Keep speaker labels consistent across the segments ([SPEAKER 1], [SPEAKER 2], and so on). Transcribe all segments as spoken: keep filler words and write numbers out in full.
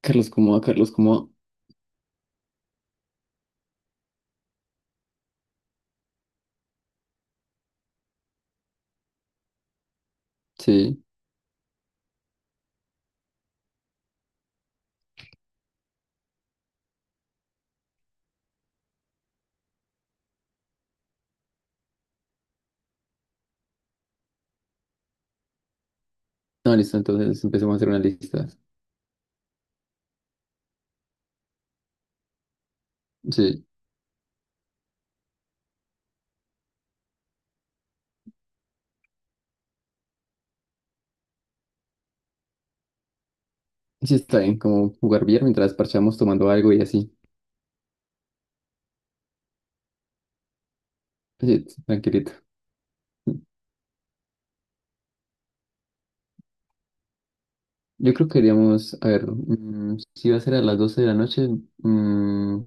[SPEAKER 1] Carlos Comoa, Carlos Comoa. Sí. No, listo, entonces empecemos a hacer una lista. Sí. Sí, está bien, como jugar billar mientras parchamos tomando algo y así. Sí, tranquilito. Yo creo que iríamos, a ver, mm, si va a ser a las doce de la noche, mm,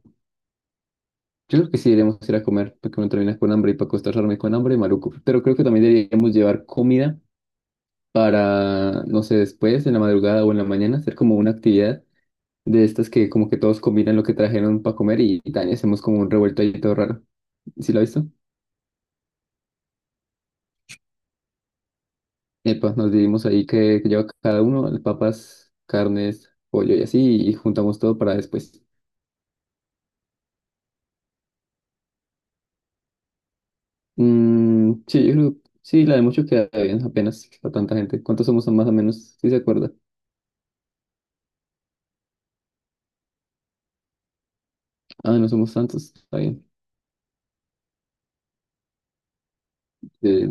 [SPEAKER 1] yo creo que sí deberíamos ir a comer, porque uno termina con hambre y para acostarme con hambre, maluco. Pero creo que también deberíamos llevar comida para, no sé, después, en la madrugada o en la mañana, hacer como una actividad de estas que como que todos combinan lo que trajeron para comer y, y también hacemos como un revuelto ahí todo raro. ¿Sí lo has visto? Epa, nos dividimos ahí que, que lleva cada uno, papas, carnes, pollo y así, y juntamos todo para después. Mm, sí, yo creo, sí, la de mucho queda bien, apenas para tanta gente. ¿Cuántos somos más o menos? ¿Sí se acuerda? Ah, no somos tantos, está bien. Eh,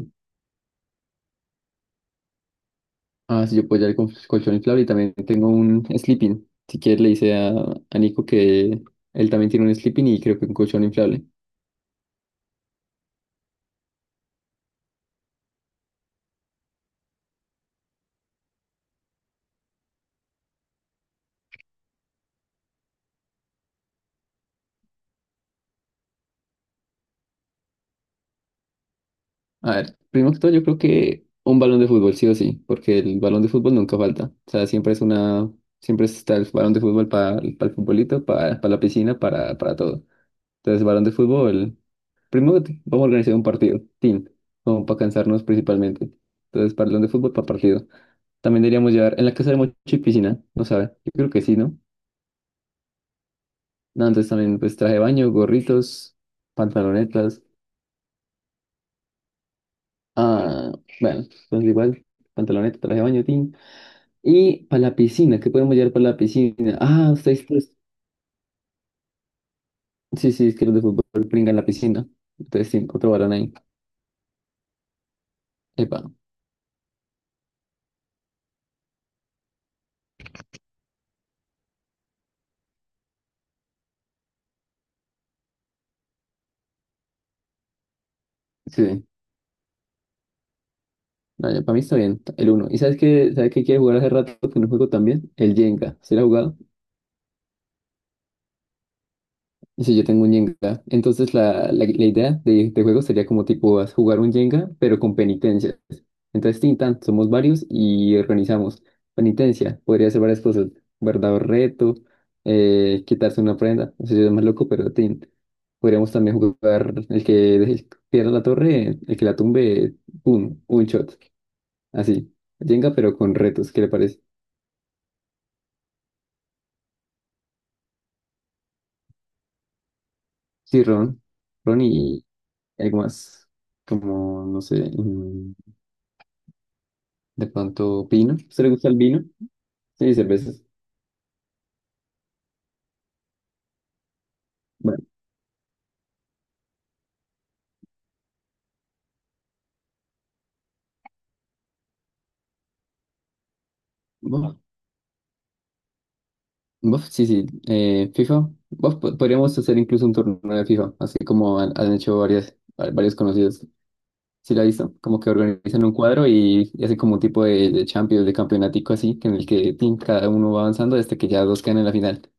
[SPEAKER 1] ah, sí, yo puedo llevar el col- colchón inflable y también tengo un sleeping. Si quieres, le dice a, a Nico que él también tiene un sleeping y creo que un colchón inflable. A ver, primero que todo, yo creo que un balón de fútbol, sí o sí, porque el balón de fútbol nunca falta. O sea, siempre es una, siempre está el balón de fútbol para el futbolito, para la piscina, para, para todo. Entonces, balón de fútbol, primero te- vamos a organizar un partido, team, como para cansarnos principalmente. Entonces, balón de fútbol para partido. También deberíamos llevar en la casa de Mochi piscina, no sabe, yo creo que sí, ¿no? No, entonces también pues traje de baño, gorritos, pantalonetas. Ah, bueno, entonces igual, pantaloneta, traje de baño, team. Y para la piscina, ¿qué podemos llevar para la piscina? Ah, ustedes, pues, sí, sí, es que los de fútbol pringan la piscina. Entonces, sí, otro balón ahí. Epa, sí, sí. No, para mí está bien, el uno. ¿Y sabes qué, sabes qué quiere jugar hace rato que no juego también? El Jenga. ¿Se la ha jugado? Sí, yo tengo un Jenga. Entonces la, la, la idea de, de juego sería como tipo as- jugar un Jenga, pero con penitencias. Entonces, tintan, somos varios y organizamos. Penitencia, podría ser varias cosas. Guardar reto, eh, quitarse una prenda. No sé si es más loco, pero tin. Podríamos también jugar el que el que pierda la torre, el que la tumbe, un, un shot. Así. Jenga, pero con retos, ¿qué le parece? Sí, Ron. Ron y algo más. Como, no sé. De pronto, vino. ¿Usted le gusta el vino? Sí, cervezas. Bueno, bof, bof, sí, sí. Eh, FIFA. Bof, po- podríamos hacer incluso un torneo de FIFA, así como han, han hecho varias, va- varios conocidos. ¿Sí la ha visto? Como que organizan un cuadro y, y hacen como un tipo de, de Champions, de campeonatico así, que en el que tin, cada uno va avanzando hasta que ya dos quedan en la final.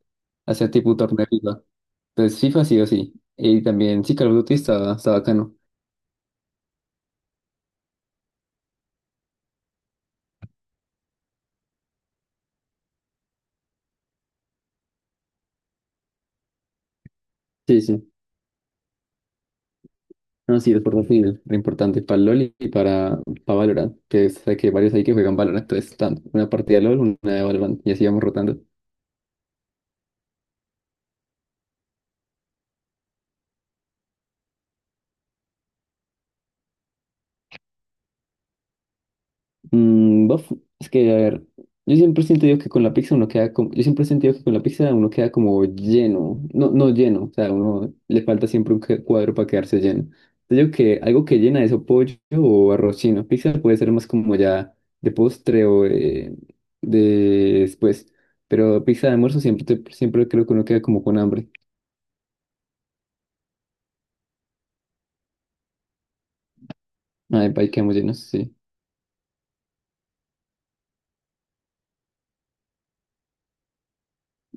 [SPEAKER 1] Hacer tipo un torneo de FIFA. Entonces, FIFA sí o sí. Y también, sí, Call of Duty está, está bacano. Sí, sí. No, sí, es portátil, re importante para LOL y para, para Valorant, que sé que varios hay que juegan Valorant, entonces están una partida de LOL, una de Valorant, y así vamos rotando. Mm, bof, es que, a ver, yo siempre siento sentido que con la pizza uno queda como, yo siempre he sentido que con la pizza uno queda como lleno, no, no lleno, o sea, uno le falta siempre un que- cuadro para quedarse lleno. Yo digo que algo que llena eso, pollo o arroz chino, pizza puede ser más como ya de postre o eh, de después, pero pizza de almuerzo siempre, te- siempre creo que uno queda como con hambre. Ay, pa, ahí quedamos llenos, sí.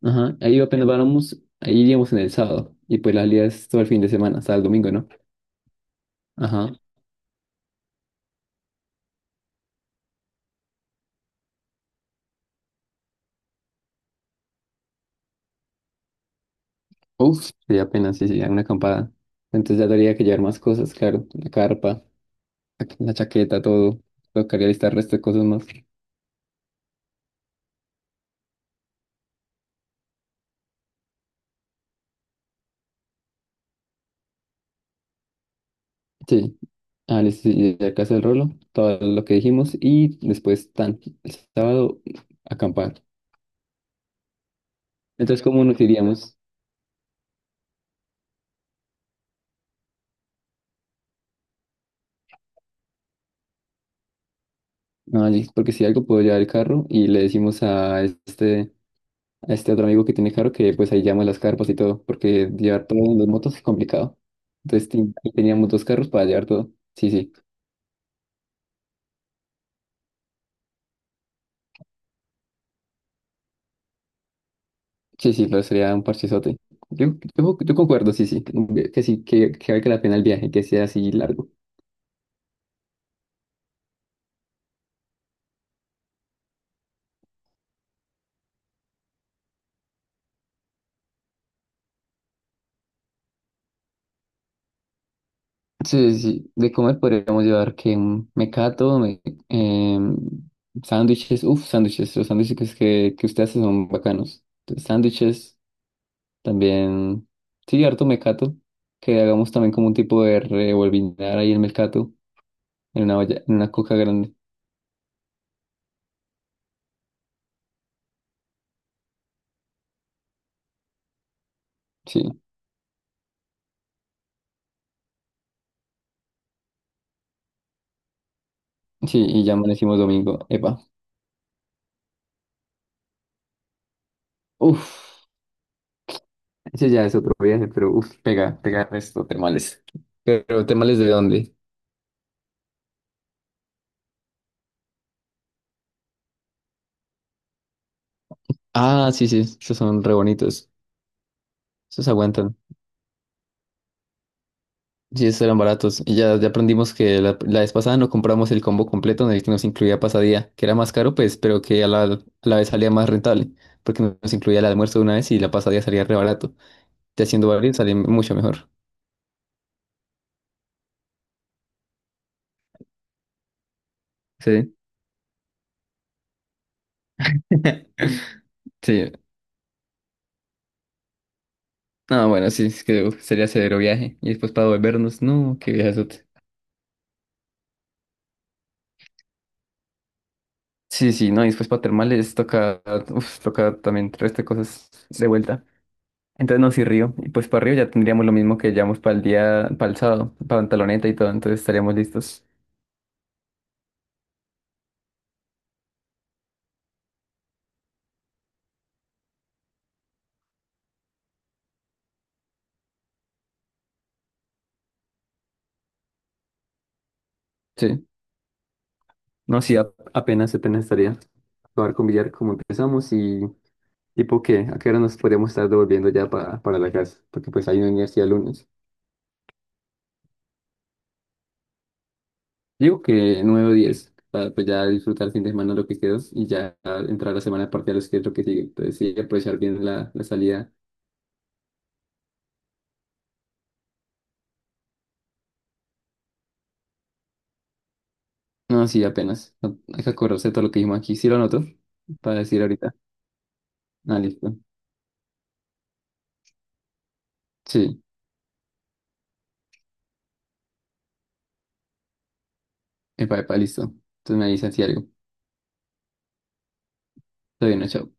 [SPEAKER 1] Ajá, ahí apenas vamos, ahí iríamos en el sábado, y pues la salida es todo el fin de semana, hasta el domingo, ¿no? Ajá. Uf, sí, apenas, sí, sí, hay una acampada. Entonces ya tendría que llevar más cosas, claro. La carpa, la chaqueta, todo. Tocaría listar resto de cosas más. Sí, ah, listo, sí, ya que el rolo, todo lo que dijimos. Y después, tan, el sábado, acampar. Entonces, ¿cómo nos iríamos? Ah, sí, porque si algo puedo llevar el carro y le decimos a este, a este otro amigo que tiene carro que pues ahí llama las carpas y todo, porque llevar todo en dos motos es complicado. Entonces, ten- teníamos dos carros para llevar todo. Sí, sí. Sí, sí, pero sería un parchezote. Yo, yo, yo concuerdo, sí, sí, que sí, que, que valga la pena el viaje, que sea así largo. Sí, sí, sí, de comer podríamos llevar que un mecato, me- em, sándwiches, uff, sándwiches, los sándwiches que, que usted hace son bacanos. Entonces, sándwiches, también, sí, harto mecato, que hagamos también como un tipo de revolvinar ahí el mecato, en una olla, en una coca grande, sí, sí, y ya amanecimos domingo, epa, uff. Ese ya es otro viaje, pero uf, pega, pega resto, temales. Pero, ¿temales de dónde? Ah, sí, sí, esos son re bonitos. Esos aguantan. Sí, esos eran baratos. Y ya, ya aprendimos que la, la vez pasada no compramos el combo completo en el que nos incluía pasadía, que era más caro, pues, pero que a la, a la vez salía más rentable, porque nos incluía el almuerzo de una vez y la pasadía salía re barato. Ya haciendo varios salía mucho mejor. Sí. Sí. Ah, bueno, sí, es que uf, sería severo viaje. Y después para volvernos, no, qué viaje. Sí, sí, no, y después para termales toca, uf, toca también el resto de cosas de vuelta. Entonces no, sí, Río. Y pues para Río ya tendríamos lo mismo que llevamos para el día, para el sábado, para Pantaloneta y todo, entonces estaríamos listos. Sí. No, sí, a- apenas, apenas estaría. Acabar con billar como empezamos y tipo qué, a qué hora nos podríamos estar devolviendo ya para, para la casa, porque pues hay una universidad el lunes. Digo que nueve o diez, para pues ya disfrutar el fin de semana lo que quedó y ya entrar a la semana de parciales que es lo que sigue. Entonces sí, aprovechar bien la, la salida. No, sí, apenas. No, hay que acordarse de todo lo que dijimos aquí. Sí lo anoto para decir ahorita. Ah, listo. Sí. Epa, epa, listo. Entonces me dicen si algo. Está bien, no, chao.